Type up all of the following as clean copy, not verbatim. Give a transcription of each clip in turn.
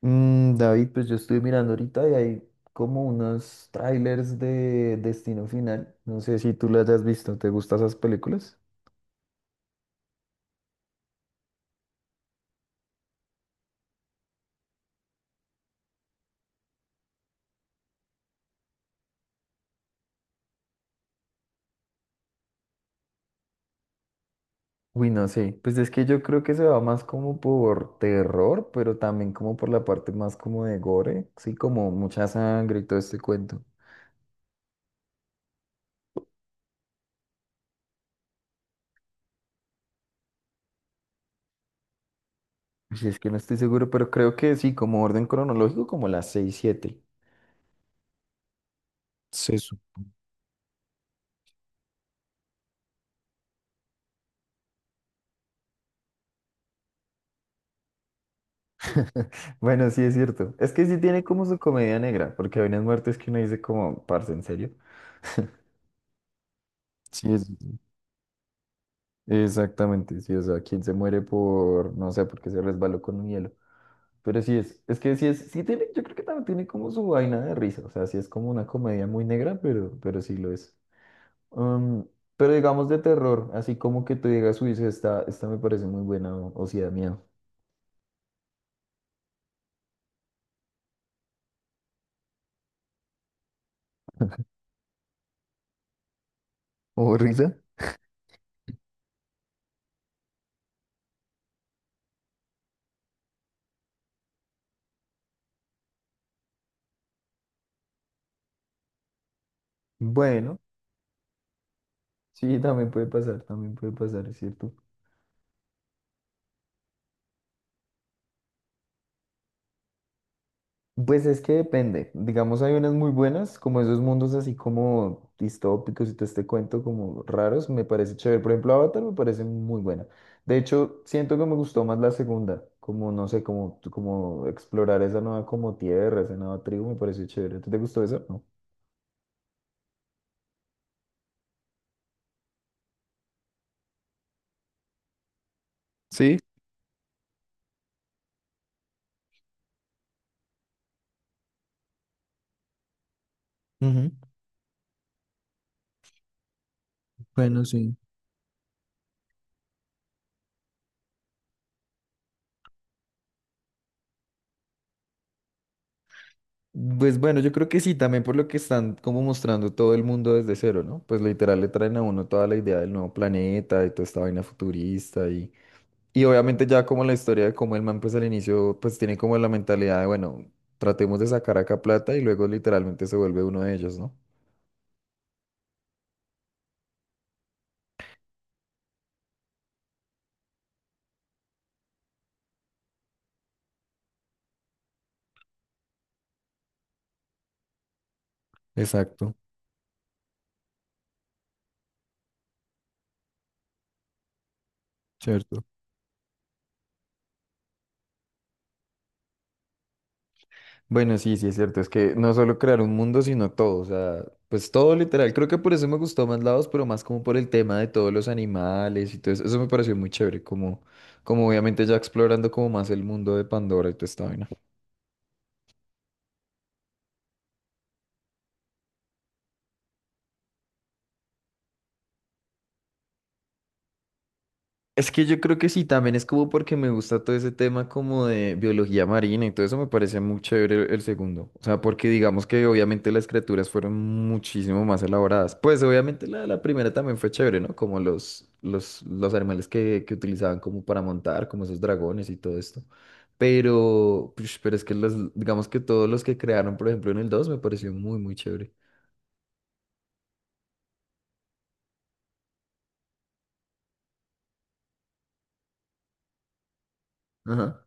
David, pues yo estoy mirando ahorita y hay como unos trailers de Destino Final. No sé si tú las has visto. ¿Te gustan esas películas? Uy, no sé. Pues es que yo creo que se va más como por terror, pero también como por la parte más como de gore. Sí, como mucha sangre y todo este cuento. Si es que no estoy seguro, pero creo que sí, como orden cronológico, como las 6, 7. Bueno, sí es cierto. Es que sí tiene como su comedia negra, porque hay unas muertes que uno dice como, parce, ¿en serio? Sí, es exactamente, sí, o sea, quien se muere por, no sé, porque se resbaló con un hielo. Pero sí es que sí es, sí tiene, yo creo que también tiene como su vaina de risa, o sea, sí es como una comedia muy negra, pero sí lo es. Um, pero digamos de terror, así como que te digas, uy, sí, esta me parece muy buena, o sí da miedo. ¿O risa? Bueno, sí, también puede pasar, es cierto. Pues es que depende. Digamos, hay unas muy buenas, como esos mundos así como distópicos y todo este cuento como raros, me parece chévere. Por ejemplo, Avatar me parece muy buena. De hecho, siento que me gustó más la segunda, como no sé, como explorar esa nueva como tierra, esa nueva tribu, me pareció chévere. ¿Te gustó eso? No. Sí, ujú, bueno, sí. Pues bueno, yo creo que sí, también por lo que están como mostrando todo el mundo desde cero, ¿no? Pues literal le traen a uno toda la idea del nuevo planeta y toda esta vaina futurista y obviamente ya como la historia de cómo el man pues al inicio pues tiene como la mentalidad de, bueno, tratemos de sacar acá plata y luego literalmente se vuelve uno de ellos, ¿no? Exacto, cierto. Bueno, sí, sí, es cierto, es que no solo crear un mundo, sino todo, o sea, pues todo literal. Creo que por eso me gustó más lados, pero más como por el tema de todos los animales y todo eso. Eso me pareció muy chévere, como, como obviamente ya explorando como más el mundo de Pandora y toda esta vaina. Es que yo creo que sí, también es como porque me gusta todo ese tema como de biología marina y todo eso me parece muy chévere el segundo. O sea, porque digamos que obviamente las criaturas fueron muchísimo más elaboradas. Pues obviamente la primera también fue chévere, ¿no? Como los animales que utilizaban como para montar, como esos dragones y todo esto. Pero es que los, digamos que todos los que crearon, por ejemplo, en el 2, me pareció muy, muy chévere. Ajá.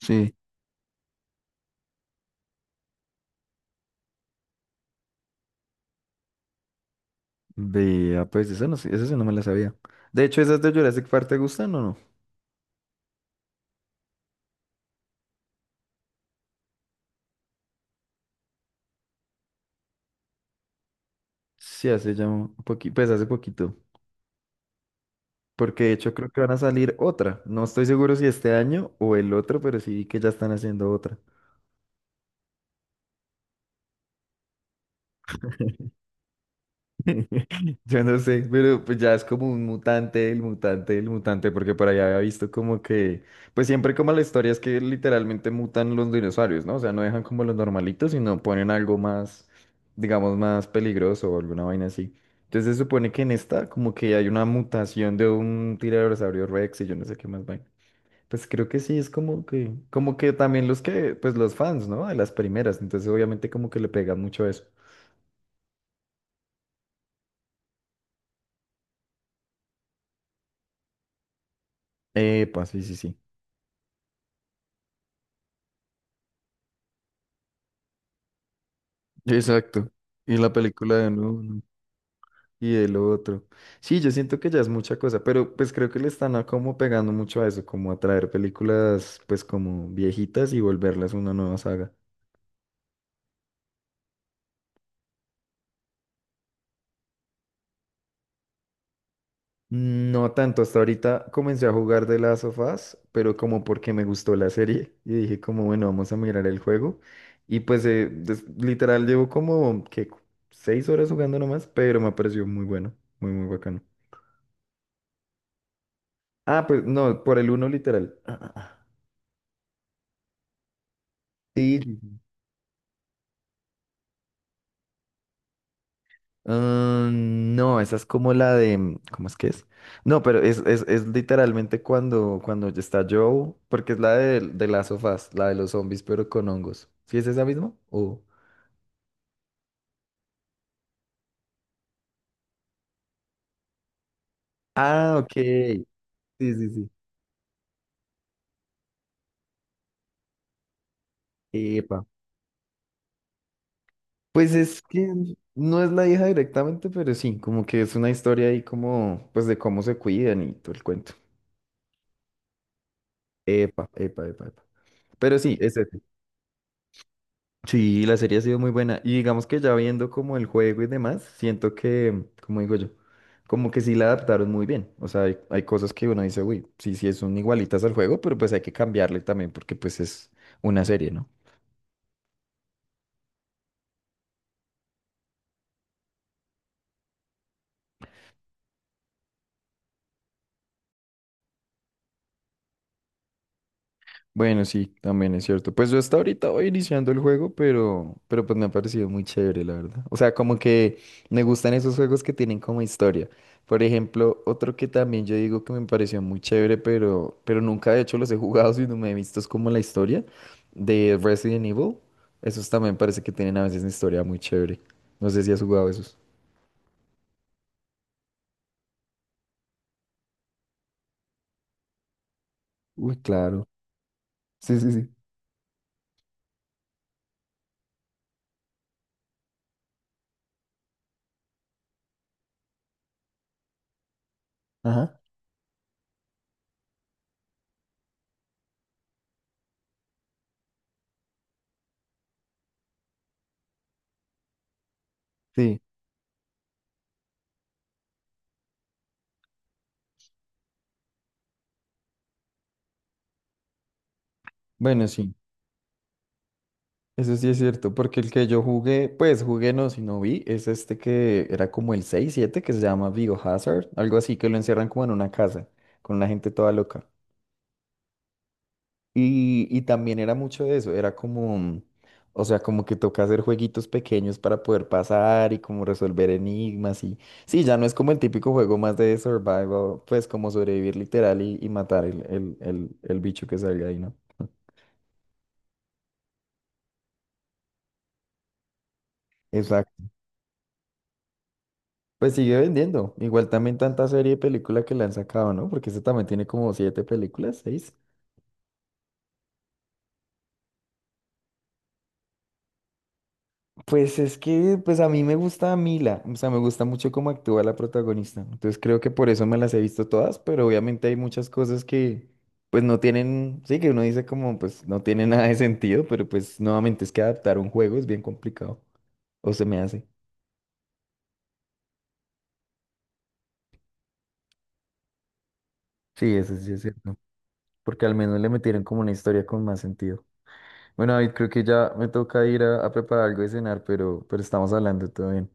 Sí, vea, pues eso no sé, eso sí no me la sabía. De hecho, ¿esas de Jurassic Park te gustan o no? Sí, hace ya un poquito, pues hace poquito, porque de hecho creo que van a salir otra. No estoy seguro si este año o el otro, pero sí vi que ya están haciendo otra. Yo no sé, pero pues ya es como un mutante, el mutante, el mutante, porque por allá había visto como que, pues siempre como la historia es que literalmente mutan los dinosaurios, ¿no? O sea, no dejan como los normalitos, sino ponen algo más, digamos, más peligroso o alguna vaina así. Entonces se supone que en esta como que hay una mutación de un tiranosaurio Rex y yo no sé qué más vaina. Pues creo que sí, es como que también los que, pues los fans, ¿no? De las primeras, entonces obviamente como que le pegan mucho eso. Epa, sí, sí, sí. Exacto. Y la película de uno y el otro. Sí, yo siento que ya es mucha cosa, pero pues creo que le están a como pegando mucho a eso, como a traer películas pues como viejitas y volverlas una nueva saga. No tanto, hasta ahorita comencé a jugar de las sofás, pero como porque me gustó la serie y dije como bueno, vamos a mirar el juego y pues literal llevo como que 6 horas jugando nomás, pero me pareció muy bueno, muy muy bacano. Ah, pues no, por el uno literal. Ah, ah, ah. Sí, sí, sí. Ah, no, esa es como la de, ¿cómo es que es? No, pero es literalmente cuando, cuando ya está Joe, porque es la de, las sofás, la de los zombies, pero con hongos. ¿Sí es esa misma? Ah, ok. Sí, sí, sí. Epa. Pues es que no es la hija directamente, pero sí, como que es una historia ahí como, pues de cómo se cuidan y todo el cuento. Epa, epa, epa, epa. Pero sí, es ese. Sí, la serie ha sido muy buena. Y digamos que ya viendo como el juego y demás, siento que, como digo yo, como que sí la adaptaron muy bien. O sea, hay cosas que uno dice, uy, sí, sí, son igualitas al juego, pero pues hay que cambiarle también porque pues es una serie, ¿no? Bueno, sí, también es cierto. Pues yo hasta ahorita voy iniciando el juego, pero pues me ha parecido muy chévere, la verdad. O sea, como que me gustan esos juegos que tienen como historia. Por ejemplo, otro que también yo digo que me pareció muy chévere, pero nunca de hecho los he jugado, sino me he visto es como la historia de Resident Evil. Esos también parece que tienen a veces una historia muy chévere. No sé si has jugado esos. Uy, claro. Sí, sí, sí. Ajá. Sí, bueno, sí. Eso sí es cierto, porque el que yo jugué, pues jugué no, sino vi, es este que era como el 6, 7 que se llama Biohazard, algo así, que lo encierran como en una casa, con una gente toda loca. Y también era mucho de eso, era como, o sea, como que toca hacer jueguitos pequeños para poder pasar y como resolver enigmas y... Sí, ya no es como el típico juego más de survival, pues como sobrevivir literal y matar el bicho que salga ahí, ¿no? Pues sigue vendiendo. Igual también tanta serie y película que le han sacado, ¿no? Porque este también tiene como 7 películas, 6. Pues es que, pues a mí me gusta Mila, o sea, me gusta mucho cómo actúa la protagonista. Entonces creo que por eso me las he visto todas, pero obviamente hay muchas cosas que, pues no tienen, sí, que uno dice como, pues no tiene nada de sentido, pero pues nuevamente es que adaptar un juego es bien complicado, o se me hace. Sí, eso sí es cierto, porque al menos le metieron como una historia con más sentido. Bueno, David, creo que ya me toca ir a preparar algo de cenar, pero estamos hablando, todo bien.